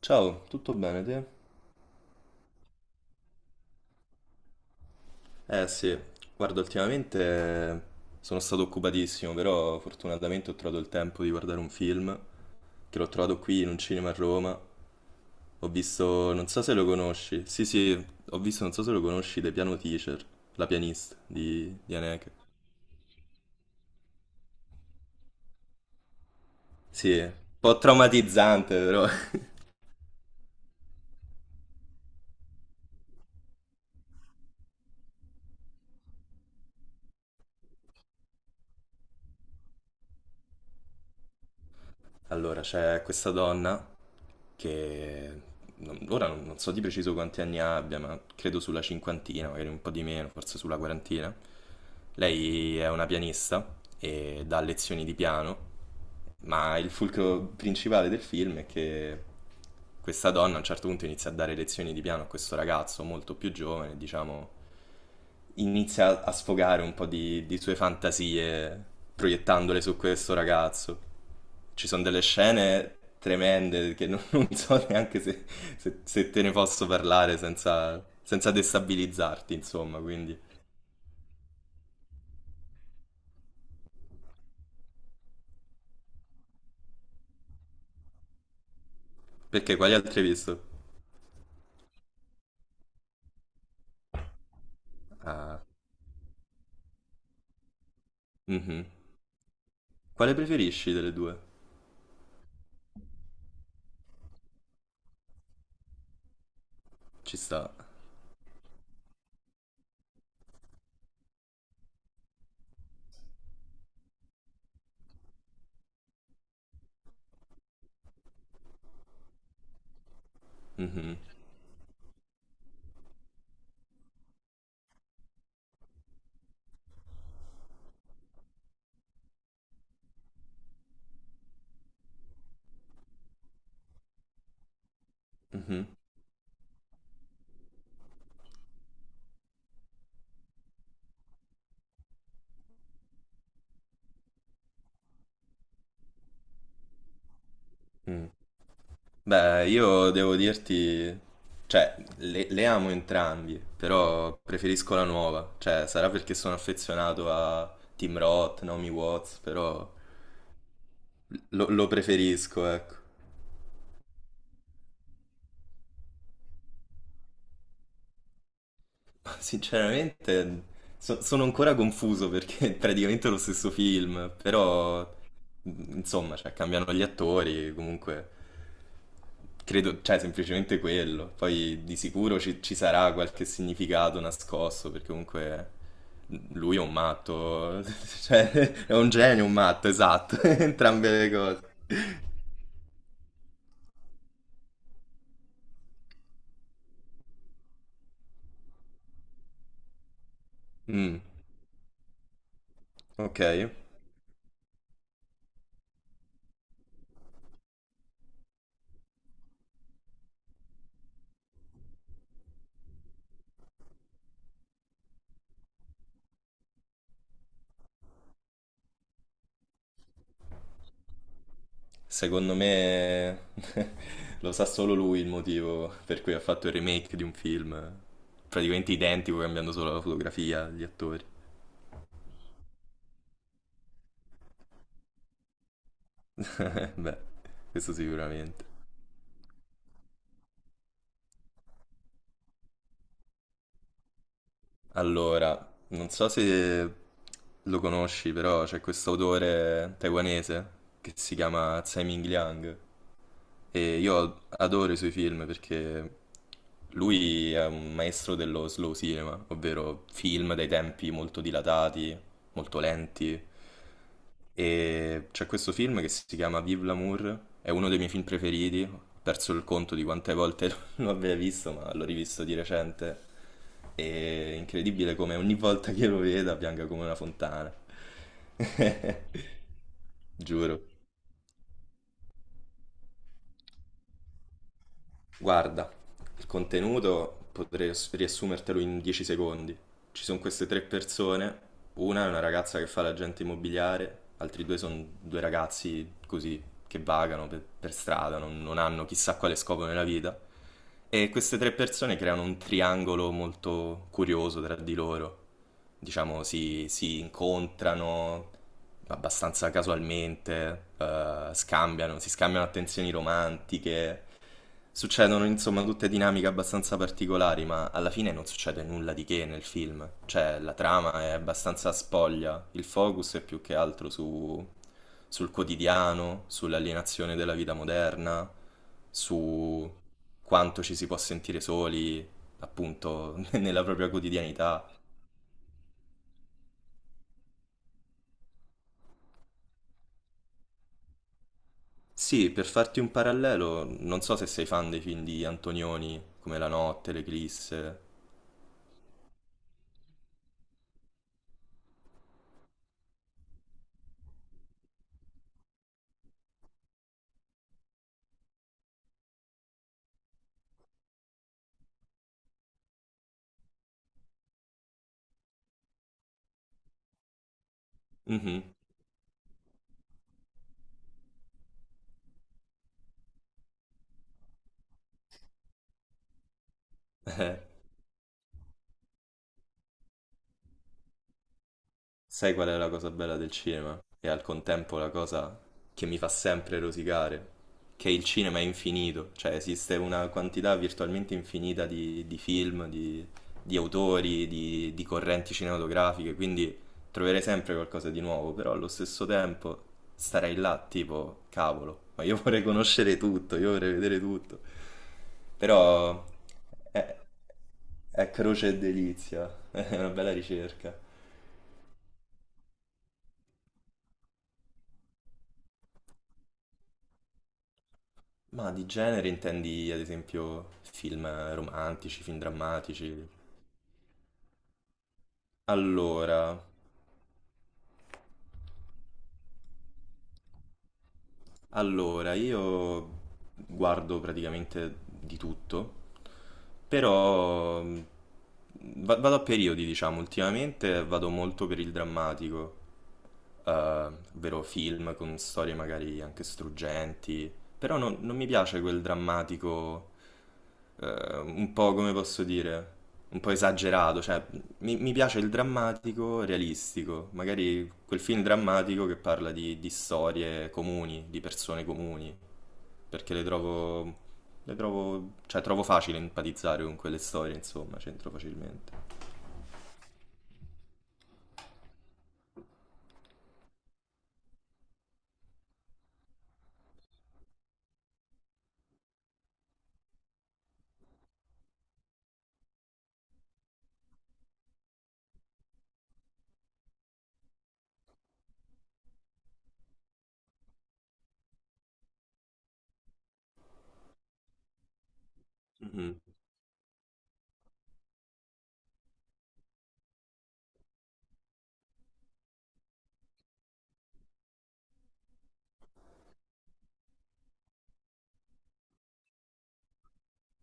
Ciao, tutto bene te? Eh sì, guarda, ultimamente sono stato occupatissimo, però fortunatamente ho trovato il tempo di guardare un film che l'ho trovato qui in un cinema a Roma. Ho visto, non so se lo conosci, sì sì, ho visto, non so se lo conosci, The Piano Teacher, la pianista di Haneke. Sì, un po' traumatizzante però. Allora, c'è questa donna che non- ora non, non so di preciso quanti anni abbia, ma credo sulla cinquantina, magari un po' di meno, forse sulla quarantina. Lei è una pianista e dà lezioni di piano, ma il fulcro principale del film è che questa donna a un certo punto inizia a dare lezioni di piano a questo ragazzo molto più giovane, diciamo inizia a sfogare un po' di sue fantasie proiettandole su questo ragazzo. Ci sono delle scene tremende che non so neanche se, se te ne posso parlare senza, senza destabilizzarti, insomma, quindi... Perché quali altri hai visto? Ah, mhm. Quale preferisci delle due? Ci sta. Mhm, mhm, mm. Beh, io devo dirti, cioè, le amo entrambi, però preferisco la nuova. Cioè, sarà perché sono affezionato a Tim Roth, Naomi Watts, però lo preferisco, ecco. Ma sinceramente, sono ancora confuso perché è praticamente lo stesso film, però, insomma, cioè, cambiano gli attori, comunque credo, cioè, semplicemente quello. Poi di sicuro ci sarà qualche significato nascosto, perché comunque lui è un matto, cioè, è un genio, un matto, esatto, entrambe le cose. Mm, ok, secondo me lo sa solo lui il motivo per cui ha fatto il remake di un film praticamente identico, cambiando solo la fotografia, gli attori. Beh, questo sicuramente. Allora, non so se lo conosci, però c'è questo autore taiwanese che si chiama Tsai Ming Liang. E io adoro i suoi film perché lui è un maestro dello slow cinema, ovvero film dai tempi molto dilatati, molto lenti. E c'è questo film che si chiama Vive l'amour, è uno dei miei film preferiti. Ho perso il conto di quante volte lo abbia visto, ma l'ho rivisto di recente. È incredibile come ogni volta che lo veda pianga come una fontana. Giuro. Guarda, il contenuto potrei riassumertelo in 10 secondi. Ci sono queste tre persone, una è una ragazza che fa l'agente immobiliare, altri due sono due ragazzi così che vagano per strada, non hanno chissà quale scopo nella vita. E queste tre persone creano un triangolo molto curioso tra di loro. Diciamo, si incontrano abbastanza casualmente, scambiano, si scambiano attenzioni romantiche. Succedono insomma tutte dinamiche abbastanza particolari, ma alla fine non succede nulla di che nel film. Cioè, la trama è abbastanza spoglia, il focus è più che altro sul quotidiano, sull'alienazione della vita moderna, su quanto ci si può sentire soli, appunto, nella propria quotidianità. Sì, per farti un parallelo, non so se sei fan dei film di Antonioni, come La Notte, L'Eclisse. Mhm. Sai qual è la cosa bella del cinema? E al contempo la cosa che mi fa sempre rosicare, che il cinema è infinito, cioè esiste una quantità virtualmente infinita di film, di autori, di correnti cinematografiche, quindi troverei sempre qualcosa di nuovo, però allo stesso tempo starei là tipo, cavolo, ma io vorrei conoscere tutto, io vorrei vedere tutto, però è, è croce e delizia, è una bella ricerca. Ma di genere intendi ad esempio film romantici, film drammatici? Allora, allora, io guardo praticamente di tutto, però vado a periodi, diciamo, ultimamente vado molto per il drammatico, eh, ovvero film con storie magari anche struggenti, però non mi piace quel drammatico un po' come posso dire, un po' esagerato, cioè mi piace il drammatico realistico, magari quel film drammatico che parla di storie comuni, di persone comuni, perché cioè trovo facile empatizzare con quelle storie, insomma, c'entro facilmente. Mhm,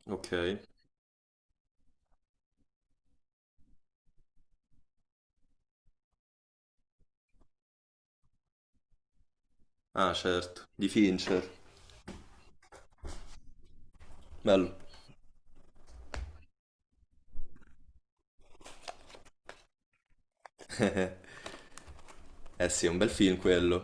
ok. Ah, certo, di Fincher. Bello. Eh sì, è un bel film quello.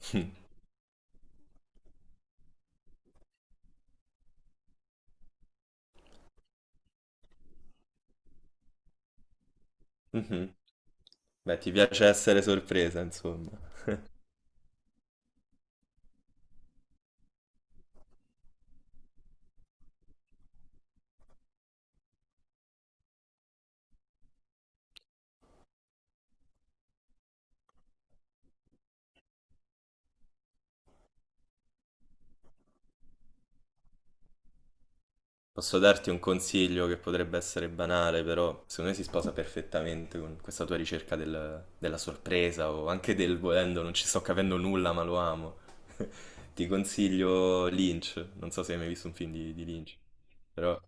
Mhm. Beh, ti piace essere sorpresa, insomma. Posso darti un consiglio che potrebbe essere banale, però secondo me si sposa perfettamente con questa tua ricerca del- della sorpresa o anche del volendo, non ci sto capendo nulla, ma lo amo. Ti consiglio Lynch, non so se hai mai visto un film di Lynch, però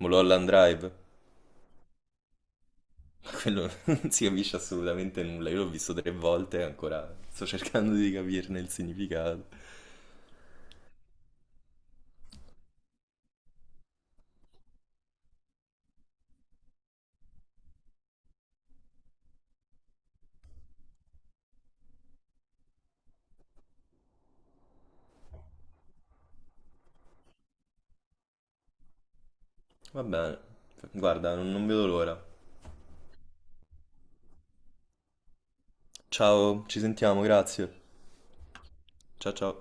Mulholland Drive, ma quello non si capisce assolutamente nulla, io l'ho visto tre volte e ancora sto cercando di capirne il significato. Va bene, guarda, non vedo l'ora. Ciao, ci sentiamo, grazie. Ciao ciao.